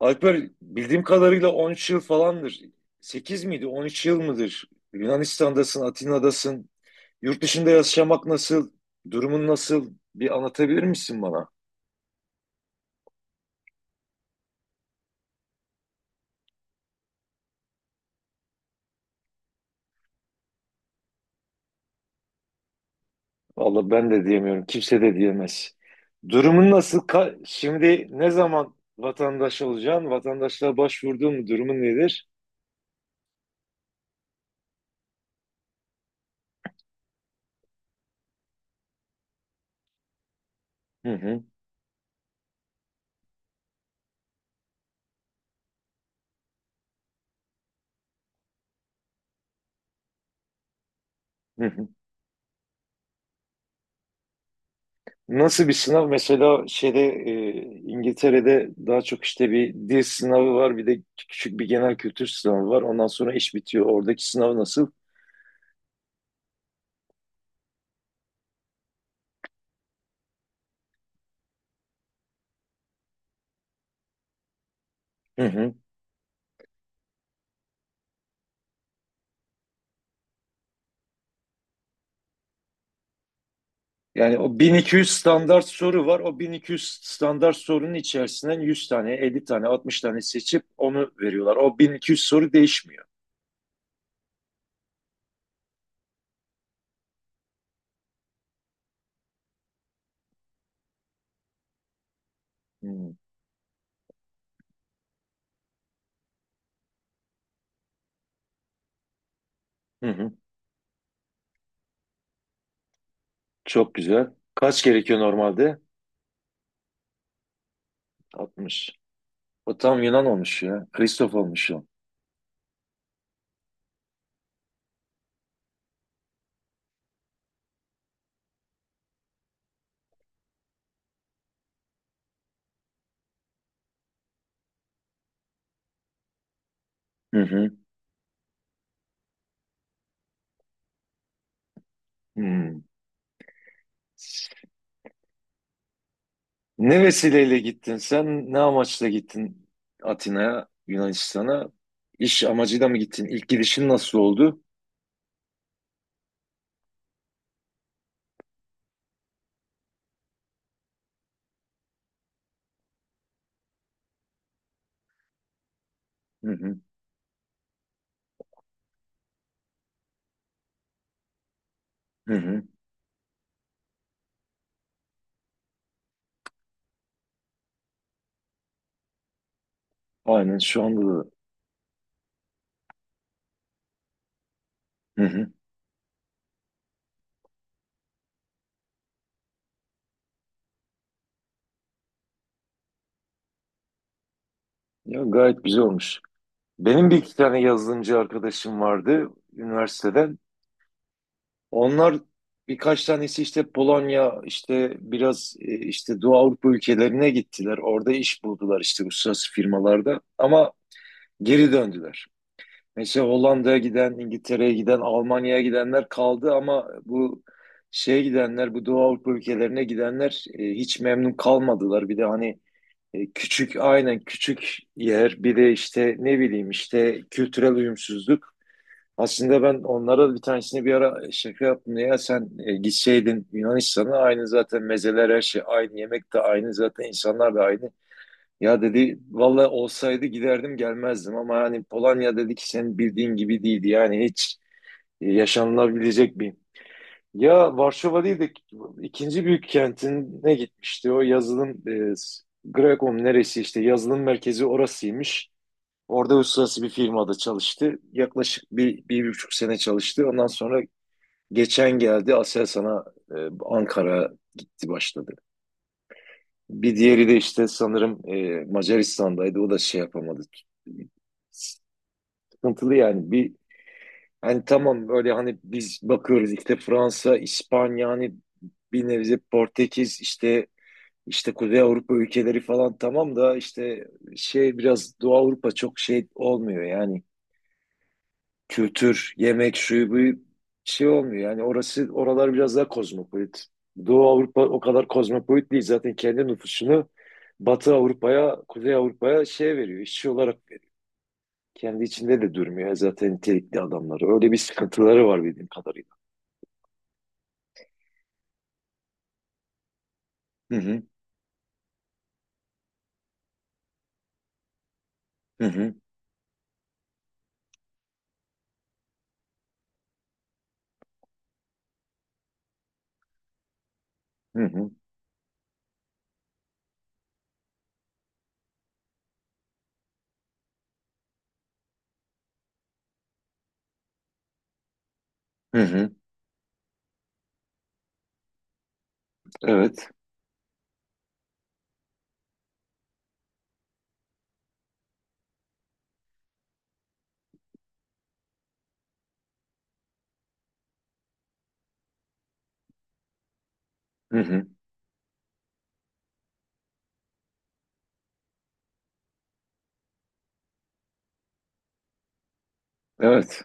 Alper bildiğim kadarıyla 13 yıl falandır. 8 miydi? 13 yıl mıdır? Yunanistan'dasın, Atina'dasın. Yurt dışında yaşamak nasıl? Durumun nasıl? Bir anlatabilir misin bana? Vallahi ben de diyemiyorum. Kimse de diyemez. Durumun nasıl? Şimdi ne zaman vatandaş olacaksın? Vatandaşlığa başvurdun mu? Durumun nedir? Hı hı. Hı hı. Nasıl bir sınav? Mesela şeyde İngiltere'de daha çok işte bir dil sınavı var, bir de küçük bir genel kültür sınavı var. Ondan sonra iş bitiyor. Oradaki sınav nasıl? Hı hı. Yani o 1200 standart soru var. O 1200 standart sorunun içerisinden 100 tane, 50 tane, 60 tane seçip onu veriyorlar. O 1200 soru değişmiyor. Hı hı. Hı. Çok güzel. Kaç gerekiyor normalde? 60. O tam Yunan olmuş ya. Kristof olmuş o. Hı hı. Hı. Ne vesileyle gittin sen? Ne amaçla gittin Atina'ya, Yunanistan'a? İş amacıyla mı gittin? İlk gidişin nasıl oldu? Hı hı, hı hı. Aynen şu anda da. Hı hı. Ya gayet güzel olmuş. Benim bir iki tane yazılımcı arkadaşım vardı üniversiteden. Onlar birkaç tanesi işte Polonya, işte biraz işte Doğu Avrupa ülkelerine gittiler. Orada iş buldular işte uluslararası firmalarda. Ama geri döndüler. Mesela Hollanda'ya giden, İngiltere'ye giden, Almanya'ya gidenler kaldı ama bu şeye gidenler, bu Doğu Avrupa ülkelerine gidenler hiç memnun kalmadılar. Bir de hani küçük, aynen küçük yer, bir de işte ne bileyim işte kültürel uyumsuzluk. Aslında ben onlara bir tanesini bir ara şaka yaptım. Ya sen gitseydin Yunanistan'a aynı zaten mezeler her şey aynı, yemek de aynı zaten insanlar da aynı. Ya dedi valla olsaydı giderdim gelmezdim ama hani Polonya dedi ki senin bildiğin gibi değildi. Yani hiç yaşanılabilecek bir. Ya Varşova değil de ikinci büyük kentine gitmişti. O yazılım Grekom neresi işte yazılım merkezi orasıymış. Orada uluslararası bir firmada çalıştı. Yaklaşık bir, bir buçuk sene çalıştı. Ondan sonra geçen geldi Aselsan'a e, Ankara gitti başladı. Bir diğeri de işte sanırım Macaristan'daydı. O da şey yapamadı. Sıkıntılı yani. Bir hani tamam böyle hani biz bakıyoruz işte Fransa, İspanya hani bir nevi Portekiz işte Kuzey Avrupa ülkeleri falan tamam da işte şey biraz Doğu Avrupa çok şey olmuyor yani. Kültür, yemek, şu bu şey olmuyor. Yani orası oralar biraz daha kozmopolit. Doğu Avrupa o kadar kozmopolit değil. Zaten kendi nüfusunu Batı Avrupa'ya, Kuzey Avrupa'ya şey veriyor, işçi olarak veriyor. Kendi içinde de durmuyor zaten nitelikli adamları. Öyle bir sıkıntıları var bildiğim kadarıyla. Hı hı, hı hı, hı hı, hı hı. Evet, hı hı, evet.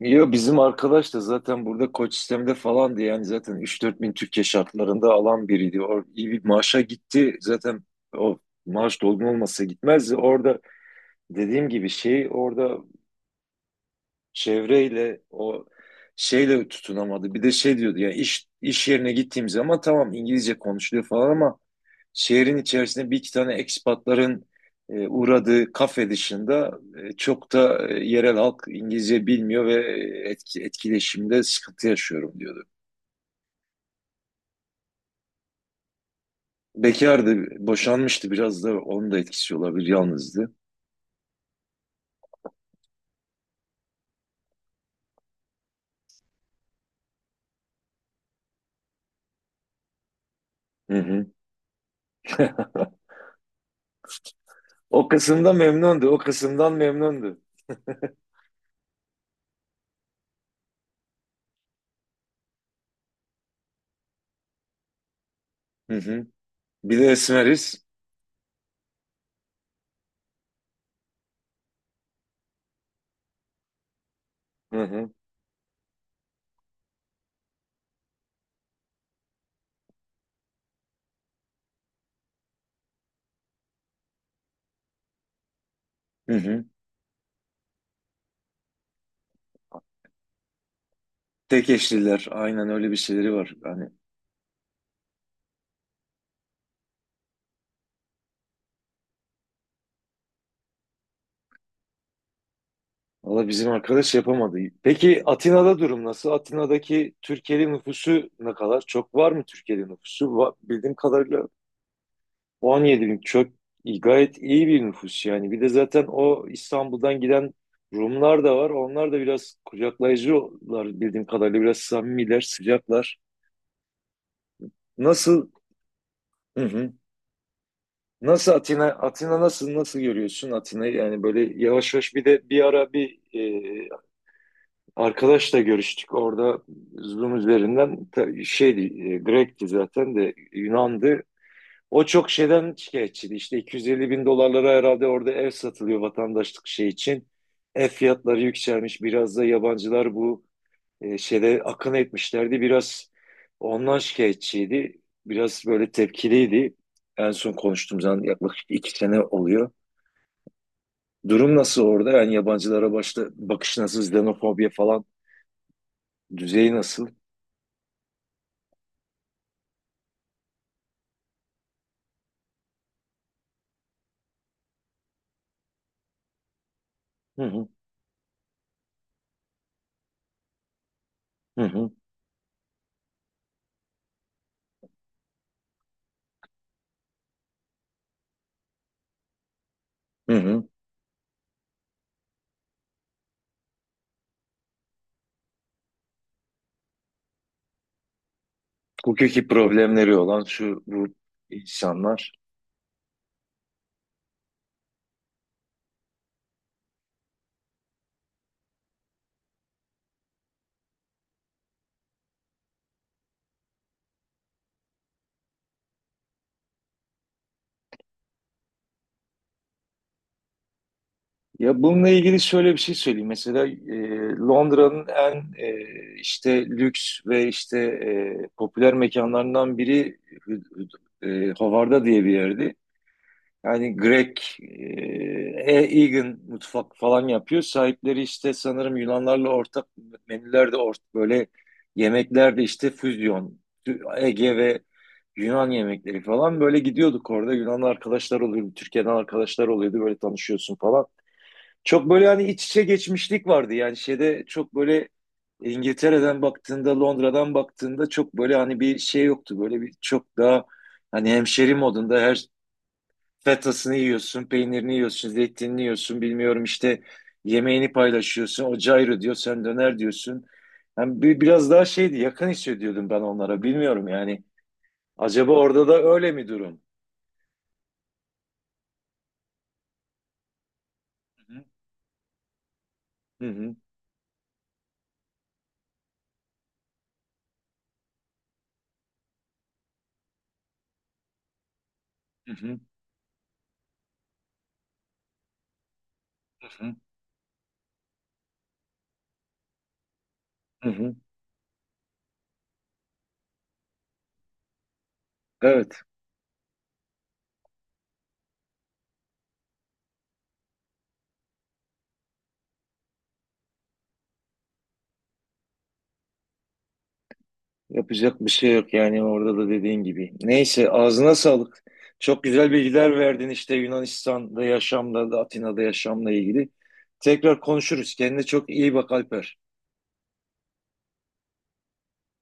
Ya bizim arkadaş da zaten burada koç sistemde falandı yani zaten üç dört bin Türkiye şartlarında alan biriydi. O iyi bir maaşa gitti zaten o maaş dolgun olmasa gitmezdi. Orada dediğim gibi şey orada çevreyle o şeyle tutunamadı. Bir de şey diyordu ya iş yerine gittiğim zaman tamam İngilizce konuşuluyor falan ama şehrin içerisinde bir iki tane ekspatların uğradığı kafe dışında çok da yerel halk İngilizce bilmiyor ve etkileşimde sıkıntı yaşıyorum diyordu. Bekardı, boşanmıştı biraz da onun da etkisi olabilir, yalnızdı. Hı hı. O kısımda memnundu, o kısımdan memnundu. Hı hı. Bir de esmeriz. Hı hı. Hı hı. Tek eşliler, aynen öyle bir şeyleri var. Hani. Valla bizim arkadaş yapamadı. Peki Atina'da durum nasıl? Atina'daki Türkiye'li nüfusu ne kadar? Çok var mı Türkiye'li nüfusu? Bildiğim kadarıyla 17 bin çok gayet iyi bir nüfus yani. Bir de zaten o İstanbul'dan giden Rumlar da var. Onlar da biraz kucaklayıcılar bildiğim kadarıyla. Biraz samimiler, sıcaklar. Nasıl? Hı hı. Nasıl Atina? Atina nasıl? Nasıl görüyorsun Atina'yı? Yani böyle yavaş yavaş bir de bir ara bir arkadaşla görüştük orada Zoom üzerinden şeydi Grek'ti zaten de Yunan'dı. O çok şeyden şikayetçiydi. İşte 250 bin dolarlara herhalde orada ev satılıyor vatandaşlık şey için. Ev fiyatları yükselmiş. Biraz da yabancılar bu şeyde akın etmişlerdi. Biraz ondan şikayetçiydi. Biraz böyle tepkiliydi. En son konuştuğumuz zaman yaklaşık 2 sene oluyor. Durum nasıl orada? Yani yabancılara başta bakış nasıl, xenofobiya falan düzeyi nasıl? Hı hı. Hı hı, hı hı. Hukuki problemleri olan şu bu insanlar. Ya bununla ilgili şöyle bir şey söyleyeyim. Mesela Londra'nın en işte lüks ve işte popüler mekanlarından biri Hü- Howard'a diye bir yerdi. Yani Grek, Hey Egan mutfak falan yapıyor. Sahipleri işte sanırım Yunanlarla ortak menüler de ortak böyle yemekler de işte füzyon. Ege ve Yunan yemekleri falan böyle gidiyorduk orada. Yunan arkadaşlar oluyordu, Türkiye'den arkadaşlar oluyordu böyle tanışıyorsun falan. Çok böyle hani iç içe geçmişlik vardı yani şeyde çok böyle İngiltere'den baktığında, Londra'dan baktığında çok böyle hani bir şey yoktu. Böyle bir çok daha hani hemşeri modunda her fetasını yiyorsun, peynirini yiyorsun, zeytinini yiyorsun, bilmiyorum işte yemeğini paylaşıyorsun, o cayro diyor, sen döner diyorsun. Yani bir, biraz daha şeydi, yakın hissediyordum ben onlara, bilmiyorum yani. Acaba orada da öyle mi durum? Hı hı, hı hı, hı hı, hı hı. Evet, yapacak bir şey yok yani orada da dediğin gibi. Neyse, ağzına sağlık. Çok güzel bilgiler verdin işte Yunanistan'da yaşamla, da Atina'da yaşamla ilgili. Tekrar konuşuruz. Kendine çok iyi bak Alper.